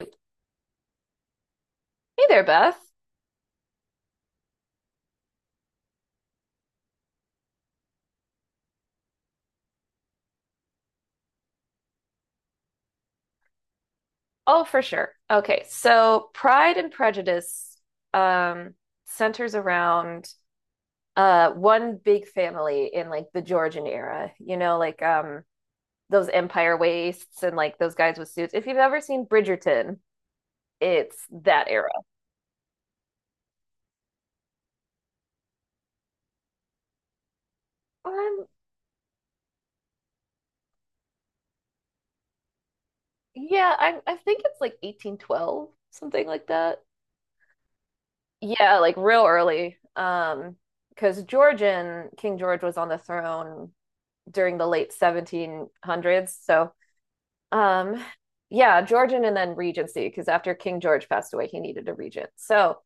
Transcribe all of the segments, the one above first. Hey there, Beth. Oh, for sure. Okay, so Pride and Prejudice um, centers around one big family in like the Georgian era, you know, like those empire waists and like those guys with suits. If you've ever seen Bridgerton, it's that era. Um, yeah, I think it's like 1812, something like that. Yeah, like real early. Because Georgian, King George was on the throne during the late 1700s. So, um, yeah, Georgian and then regency, because after King George passed away, he needed a regent. So,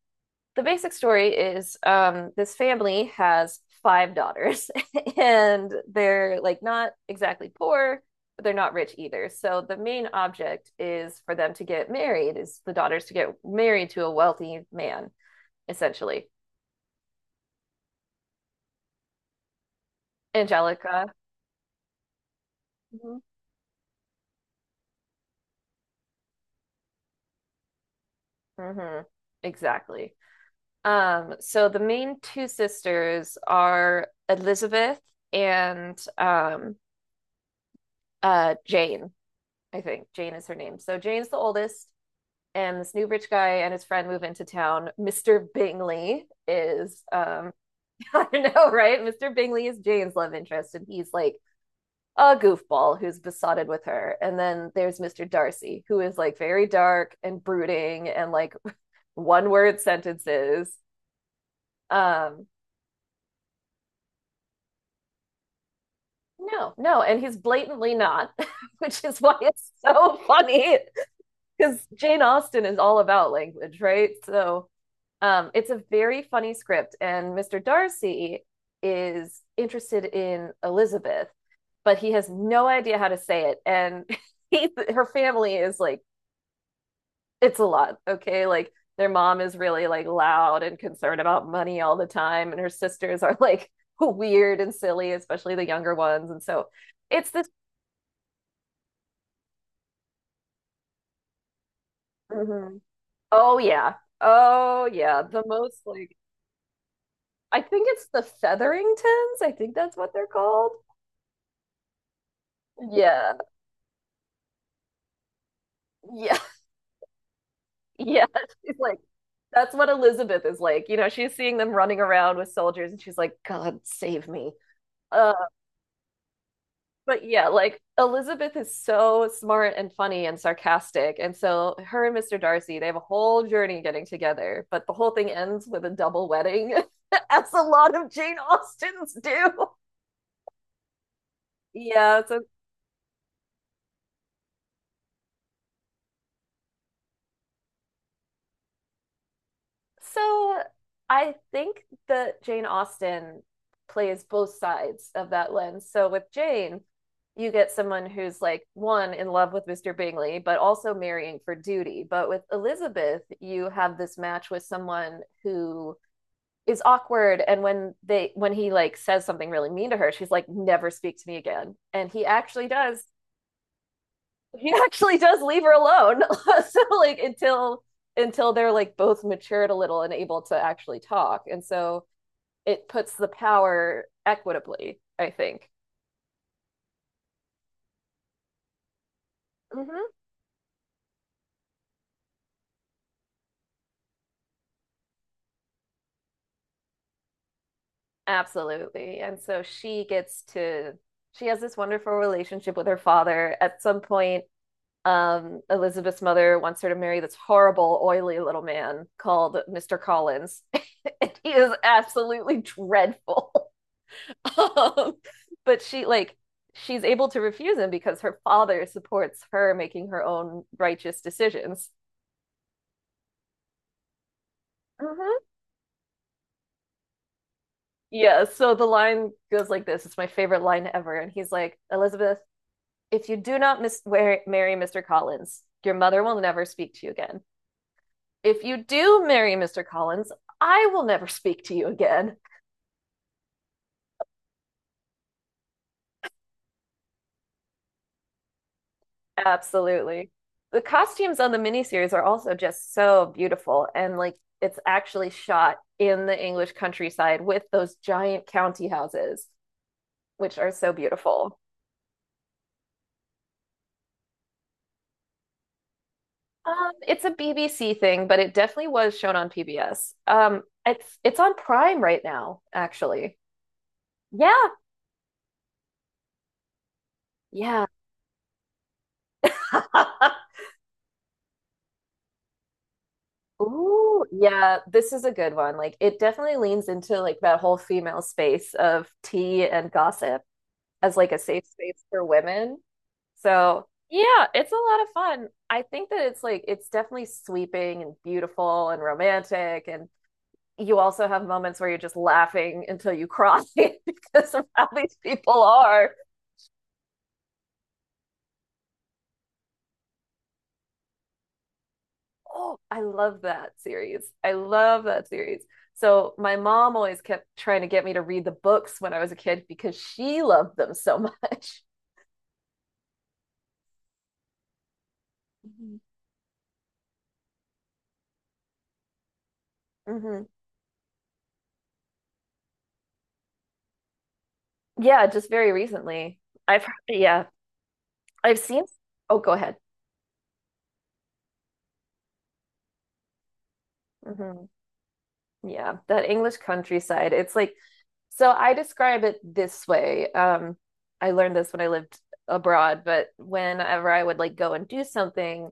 the basic story is this family has five daughters, and they're like not exactly poor, but they're not rich either. So, the main object is for them to get married, is the daughters to get married to a wealthy man, essentially. Angelica. Mhm. Mhm. Exactly. So the main two sisters are Elizabeth and Jane, I think. Jane is her name. So Jane's the oldest, and this new rich guy and his friend move into town. Mr. Bingley is I know, right? Mr. Bingley is Jane's love interest, and he's like a goofball who's besotted with her. And then there's Mr. Darcy, who is like very dark and brooding and like one word sentences. Um No, no, and he's blatantly not, which is why it's so funny because Jane Austen is all about language, right? It's a very funny script, and Mr. Darcy is interested in Elizabeth, but he has no idea how to say it, and he, her family is like, it's a lot, okay? Like their mom is really like loud and concerned about money all the time, and her sisters are like weird and silly, especially the younger ones, and so it's this. Mm-hmm. Oh yeah. Oh yeah. The most like I think it's the Featheringtons. I think that's what they're called. Yeah. Yeah. Yeah. She's like that's what Elizabeth is like. You know, she's seeing them running around with soldiers and she's like, God save me. Uh but yeah, like Elizabeth is so smart and funny and sarcastic. And so her and Mr. Darcy, they have a whole journey getting together, but the whole thing ends with a double wedding, as a lot of Jane Austens do. Yeah, so so I think that Jane Austen plays both sides of that lens. So with Jane, you get someone who's like one in love with Mr. Bingley, but also marrying for duty. But with Elizabeth, you have this match with someone who is awkward and when he like says something really mean to her she's like never speak to me again and he actually does leave her alone. So like until they're like both matured a little and able to actually talk. And so it puts the power equitably, I think. Mm-hmm. Absolutely. And so she gets to she has this wonderful relationship with her father. At some point, Elizabeth's mother wants her to marry this horrible, oily little man called Mr. Collins. And he is absolutely dreadful. Um, but she like she's able to refuse him because her father supports her making her own righteous decisions. Mhm. Yeah, so the line goes like this. It's my favorite line ever. And he's like, Elizabeth, if you do not marry Mr. Collins, your mother will never speak to you again. If you do marry Mr. Collins, I will never speak to you again. Absolutely. The costumes on the miniseries are also just so beautiful and like it's actually shot in the English countryside with those giant county houses, which are so beautiful. It's a BBC thing, but it definitely was shown on PBS. It's on Prime right now, actually. Yeah, yeah. Ooh, yeah, this is a good one. Like it definitely leans into like that whole female space of tea and gossip, as like a safe space for women. So yeah, it's a lot of fun. I think that it's like it's definitely sweeping and beautiful and romantic and you also have moments where you're just laughing until you cry because of how these people are. Oh, I love that series. I love that series. So my mom always kept trying to get me to read the books when I was a kid because she loved them so much. Hmm. Yeah, just very recently. I've yeah, I've seen. Oh, go ahead. Hmm. Yeah, that English countryside. It's like, so I describe it this way. I learned this when I lived abroad, but whenever I would like go and do something,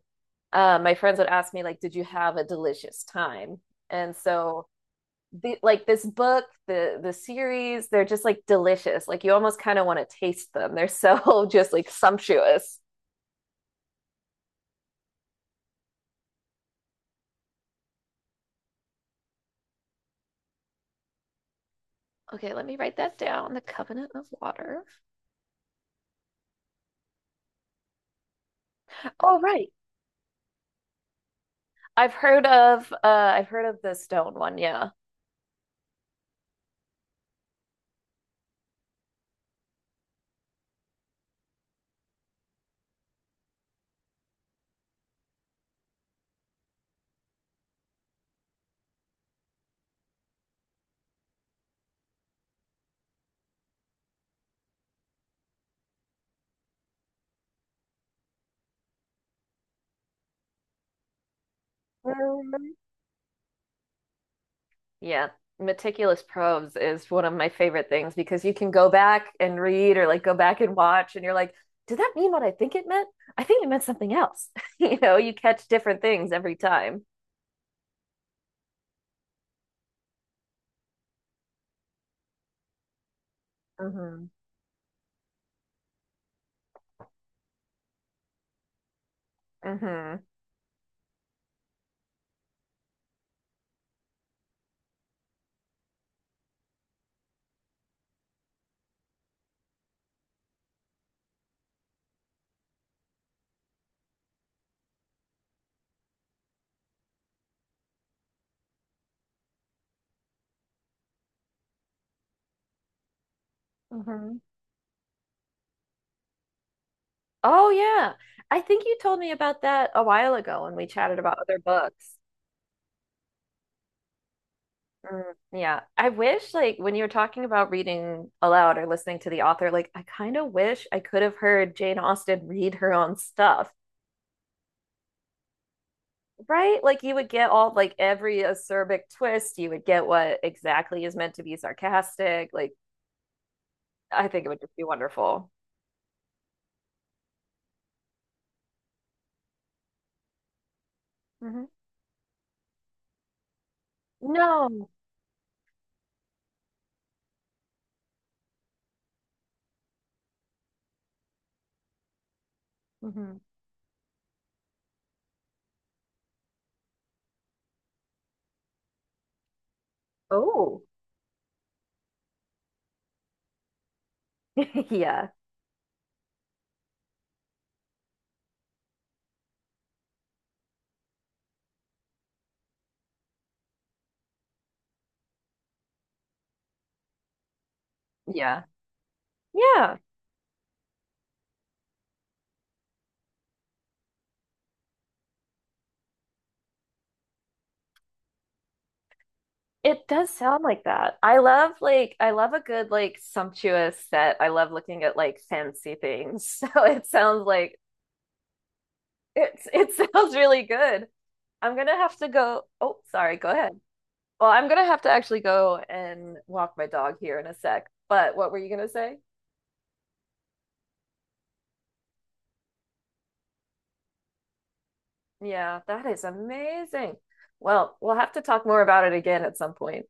my friends would ask me like, "Did you have a delicious time?" And so the like this book, the series, they're just like delicious. Like you almost kind of want to taste them. They're so just like sumptuous. Okay, let me write that down. The Covenant of Water. Oh, right. I've heard of the stone one, yeah. Um, Yeah, meticulous probes is one of my favorite things because you can go back and read or like go back and watch, and you're like, did that mean what I think it meant? I think it meant something else. You know, you catch different things every time. Hmm. Hmm. Hmm. Oh, yeah. I think you told me about that a while ago when we chatted about other books. Mm, yeah. I wish, like, when you were talking about reading aloud or listening to the author, like, I kind of wish I could have heard Jane Austen read her own stuff, right? Like you would get all like every acerbic twist, you would get what exactly is meant to be sarcastic. Like I think it would just be wonderful. Hmm. No. Hmm. Oh, yeah. Yeah. Yeah. It does sound like that. I love like I love a good like sumptuous set. I love looking at like fancy things. So it sounds like it's it sounds really good. I'm gonna have to go. Oh, sorry, go ahead. Well, I'm gonna have to actually go and walk my dog here in a sec. But what were you gonna say? Yeah, that is amazing. Well, we'll have to talk more about it again at some point.